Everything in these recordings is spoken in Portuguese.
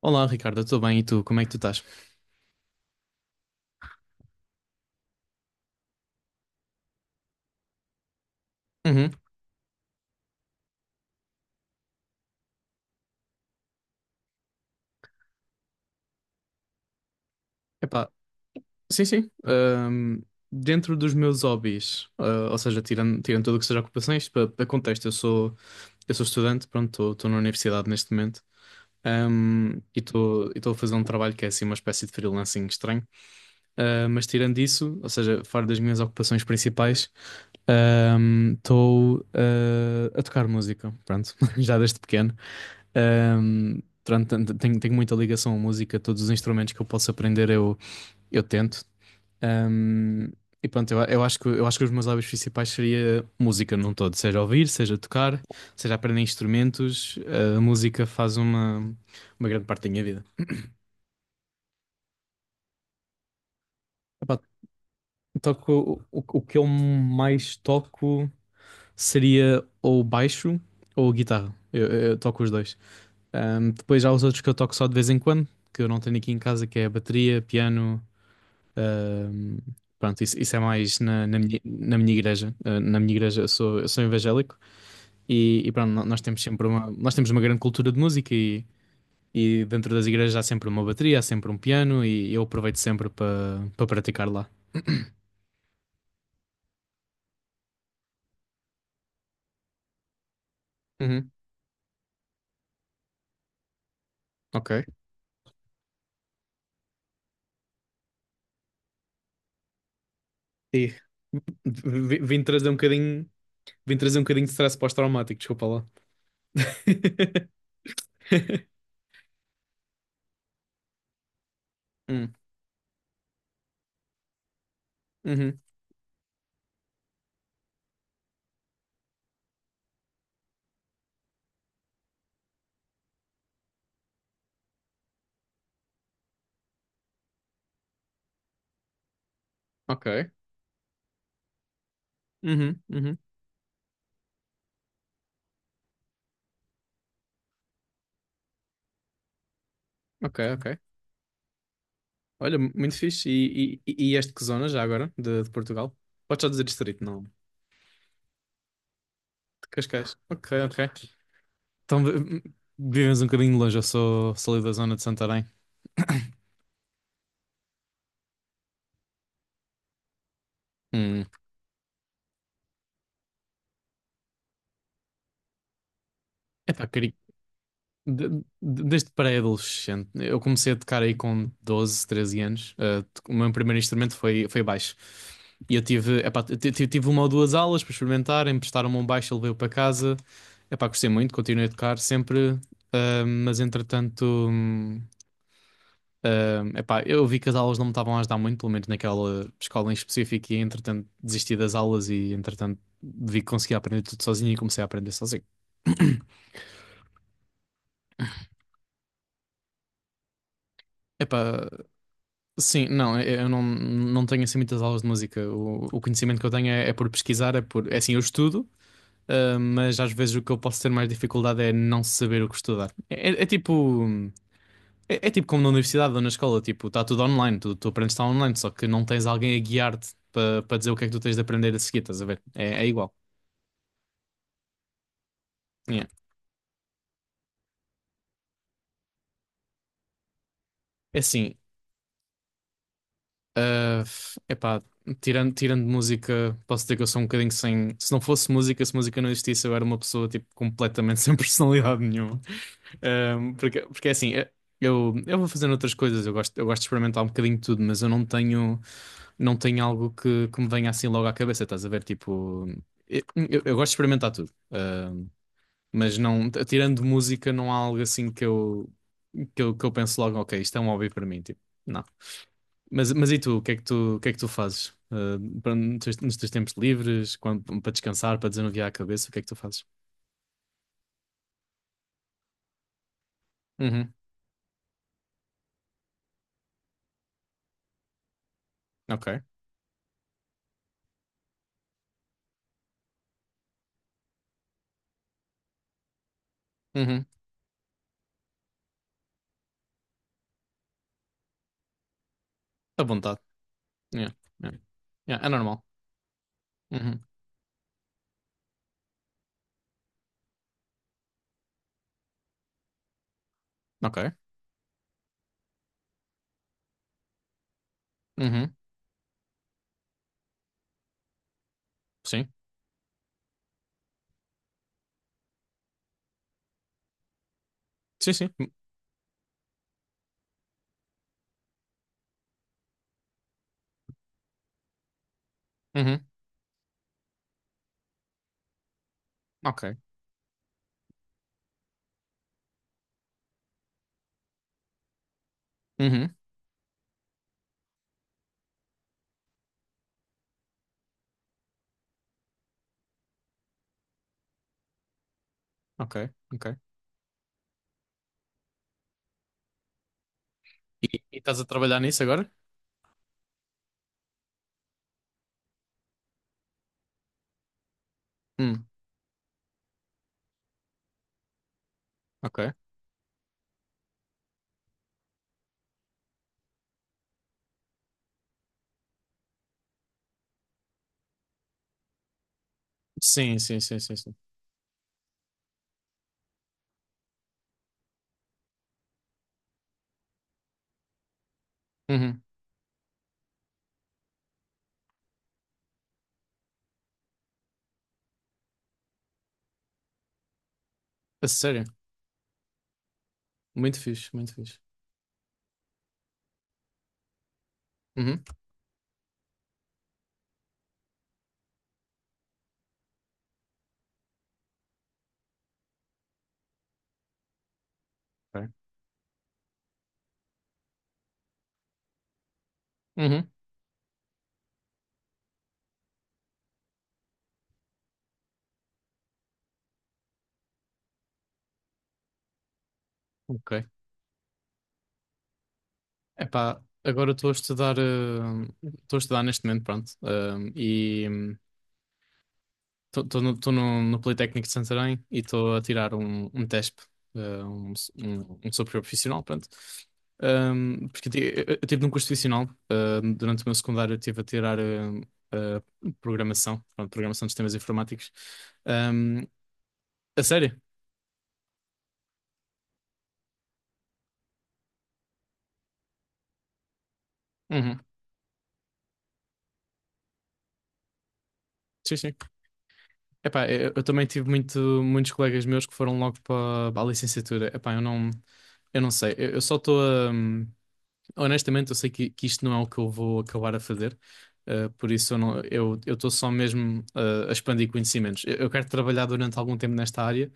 Olá, Ricardo, tudo bem? E tu, como é que tu estás? Uhum. Epá, sim, sim. Dentro dos meus hobbies, ou seja, tirando tudo o que seja ocupações, para contexto, eu sou estudante, pronto, estou na universidade neste momento. E estou a fazer um trabalho que é assim uma espécie de freelancing estranho. Mas tirando isso, ou seja, fora das minhas ocupações principais, estou a tocar música, pronto, já desde pequeno. Pronto, tenho muita ligação à música, todos os instrumentos que eu posso aprender, eu tento. Um, e pronto, eu acho que os meus hobbies principais seria música num todo, seja ouvir, seja tocar, seja aprender instrumentos, a música faz uma grande parte da minha vida. Epá, toco, o o que eu mais toco seria ou baixo ou guitarra. Eu toco os dois. Depois há os outros que eu toco só de vez em quando, que eu não tenho aqui em casa, que é bateria, piano. ahm, Pronto, isso é mais na, na minha igreja. Ah, na minha igreja eu sou evangélico e pronto, nós temos sempre uma, nós temos uma grande cultura de música e dentro das igrejas há sempre uma bateria, há sempre um piano e eu aproveito sempre para praticar lá. Uhum, ok. E v- vim trazer um bocadinho Vim trazer um bocadinho de stress pós-traumático, desculpa lá. Hum, uhum, ok. Uhum, uhum, ok, ok. Olha, muito fixe. E este que zona já agora, de Portugal? Podes só dizer distrito, não? De Cascais. Ok, ok. Então, vivemos um bocadinho longe, sou ali da zona de Santarém. Hum. Epá, queria, De- Desde pré-adolescente, eu comecei a tocar aí com 12 13 anos. O meu primeiro instrumento foi, foi baixo. E eu tive, epá, tive uma ou duas aulas para experimentar, emprestaram-me um baixo, eu levei-o para casa. Epá, gostei muito, continuei a tocar sempre, mas entretanto, hum, epá, eu vi que as aulas não me estavam a ajudar muito, pelo menos naquela escola em específico, e entretanto desisti das aulas e entretanto vi que conseguia aprender tudo sozinho e comecei a aprender sozinho. Epá, sim, não, eu não, não tenho assim muitas aulas de música. O conhecimento que eu tenho é, é por pesquisar, é por. É assim, eu estudo, mas às vezes o que eu posso ter mais dificuldade é não saber o que estudar. É, é tipo. É, é tipo como na universidade ou na escola, tipo, está tudo online, tu aprendes está online, só que não tens alguém a guiar-te para dizer o que é que tu tens de aprender a seguir, estás a ver? É, é igual. Yeah. É assim, Ah, epá, tirando música, posso dizer que eu sou um bocadinho sem. Se não fosse música, se música não existisse, eu era uma pessoa tipo, completamente sem personalidade nenhuma. Ah, porque, porque é assim, eu vou fazendo outras coisas, eu gosto de experimentar um bocadinho de tudo, mas eu não tenho, não tenho algo que me venha assim logo à cabeça, estás a ver? Tipo, eu gosto de experimentar tudo. Ah, mas não, tirando música, não há algo assim que que eu penso logo, ok, isto é um hobby para mim, tipo, não. Mas e tu, o que é que tu fazes? Nos teus, nos teus tempos livres, para descansar, para desanuviar a cabeça, o que é que tu fazes? Uhum, ok. Uhum, à vontade. Yeah, yeah. Yeah, é normal. Uhum, ok. Uhum, sim. Sim, sim. Uhum, ok. Uhum, ok, ok. E estás a trabalhar nisso agora? Hum, ok. Sim, sim, sim, sim, sim. Uhum, a sério? Muito fixe, muito fixe. Uhum. Ok. Uhum, ok. Epá, agora estou a estudar, estou a estudar neste momento, pronto. E estou no, tô no, no Politécnico de Santarém e estou a tirar um, um TESP, um superior profissional, pronto. Porque eu, eu tive num curso profissional, durante o meu secundário eu estive a tirar eh, programação, pronto, programação de sistemas informáticos. Um, a sério? Uhum. Sim, sim. Epá, eu também tive muito, muitos colegas meus que foram logo para, para a licenciatura. Epá, eu não sei. Eu só estou a. Honestamente, eu sei que isto não é o que eu vou acabar a fazer. Por isso eu não, eu estou só mesmo a expandir conhecimentos. Eu quero trabalhar durante algum tempo nesta área,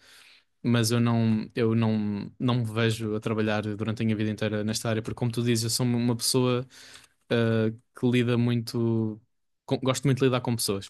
mas eu não, não me vejo a trabalhar durante a minha vida inteira nesta área, porque como tu dizes, eu sou uma pessoa ah, que lida muito. Gosto muito de lidar com pessoas.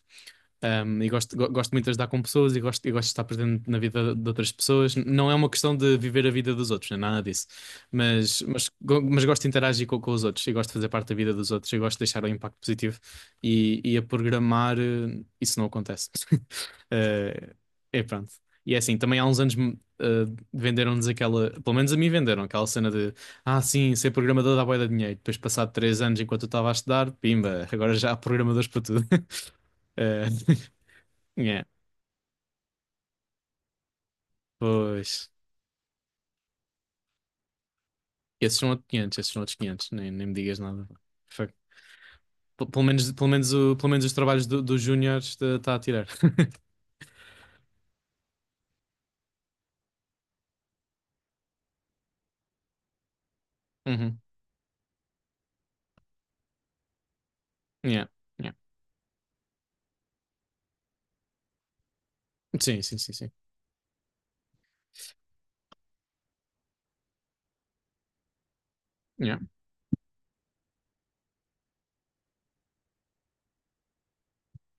E gosto muito de ajudar com pessoas e gosto de estar presente na vida de outras pessoas. Não é uma questão de viver a vida dos outros, não é nada disso. Mas, mas gosto de interagir com os outros e gosto de fazer parte da vida dos outros e gosto de deixar um impacto positivo. E a programar, isso não acontece. Eh, é pronto. E é assim, também há uns anos venderam-nos aquela, pelo menos a mim venderam aquela cena de sim, ser programador dá bué de dinheiro. Depois, passado três anos, enquanto eu estava a estudar, pimba, agora já há programadores para tudo. Eh, yeah, pois. Esses são outros 500, esses são outros 500. Nem, nem me digas nada. Fuck. Pelo menos, pelo menos, pelo menos os trabalhos dos júniores está a tirar. Uhum. Yeah, yeah. Sim, sim, sim, sim. Yeah,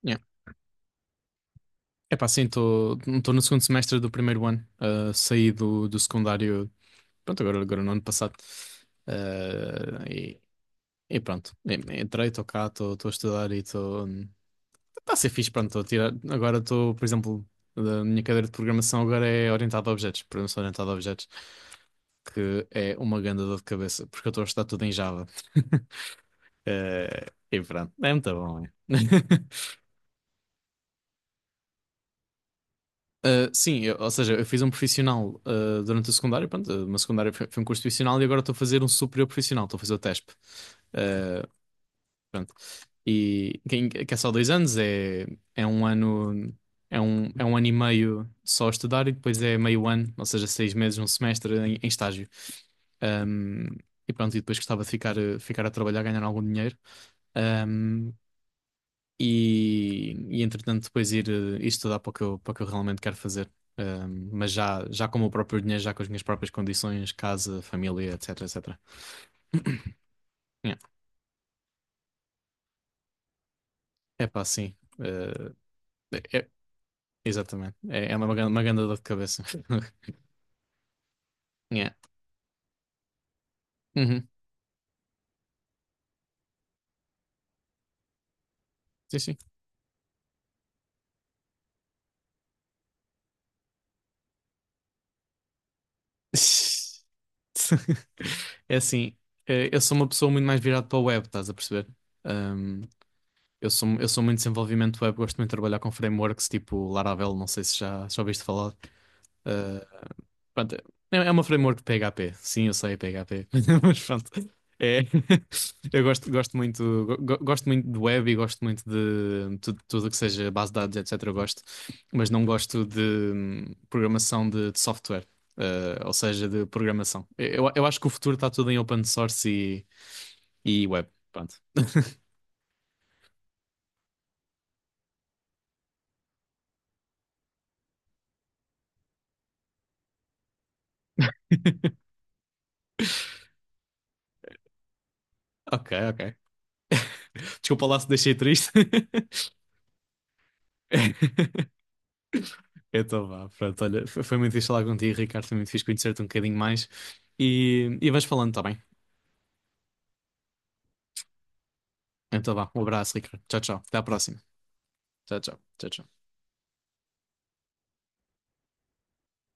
yeah. Epá, sim, estou no segundo semestre do primeiro ano. Ah, saí do, do secundário. Pronto, agora, agora no ano passado. Ah, e pronto, entrei, estou cá, estou a estudar e estou. Está a ser fixe, pronto, estou a tirar. Agora estou, por exemplo, a minha cadeira de programação agora é orientada a objetos, programação orientada a objetos, que é uma grande dor de cabeça, porque eu estou a estudar tudo em Java. E pronto, é muito bom, é. Sim, ou seja, eu fiz um profissional durante a secundária, pronto, uma secundária foi, foi um curso profissional e agora estou a fazer um superior profissional, estou a fazer o TESP. Uh, Pronto. E que é só dois anos, é, é um ano, é um ano e meio só a estudar e depois é meio ano, ou seja, seis meses, um semestre em, em estágio. Um, e pronto, e depois gostava de ficar, ficar a trabalhar, ganhar algum dinheiro. Um, e, e entretanto depois ir, ir estudar para o que eu, para o que eu realmente quero fazer. Mas já, já com o meu próprio dinheiro, já com as minhas próprias condições, casa, família, etc, etc. É pá, sim. É, Exatamente. É, é uma, uma grande dor de cabeça. Yeah. Uhum. Sim, sim. É assim, eu sou uma pessoa muito mais virada para o web, estás a perceber? Um, eu sou muito desenvolvimento web, gosto muito de trabalhar com frameworks tipo Laravel, não sei se já, já ouviste falar. Eh, Pronto, é uma framework PHP. Sim, eu sei PHP, mas pronto. É. Eu gosto, gosto muito, gosto muito de web e gosto muito de tudo, tudo que seja base de dados, etc. Eu gosto, mas não gosto de programação de software, ou seja, de programação. Eu acho que o futuro está tudo em open source e web. Pronto. Ok, ok. Desculpa lá se deixei triste. Então vá, pronto, olha, foi muito fixe falar contigo, Ricardo, foi muito fixe conhecer-te um bocadinho mais e vais falando, tá bem? Então vá, um abraço, Ricardo. Tchau, tchau. Até à próxima. Tchau, tchau. Tchau, tchau.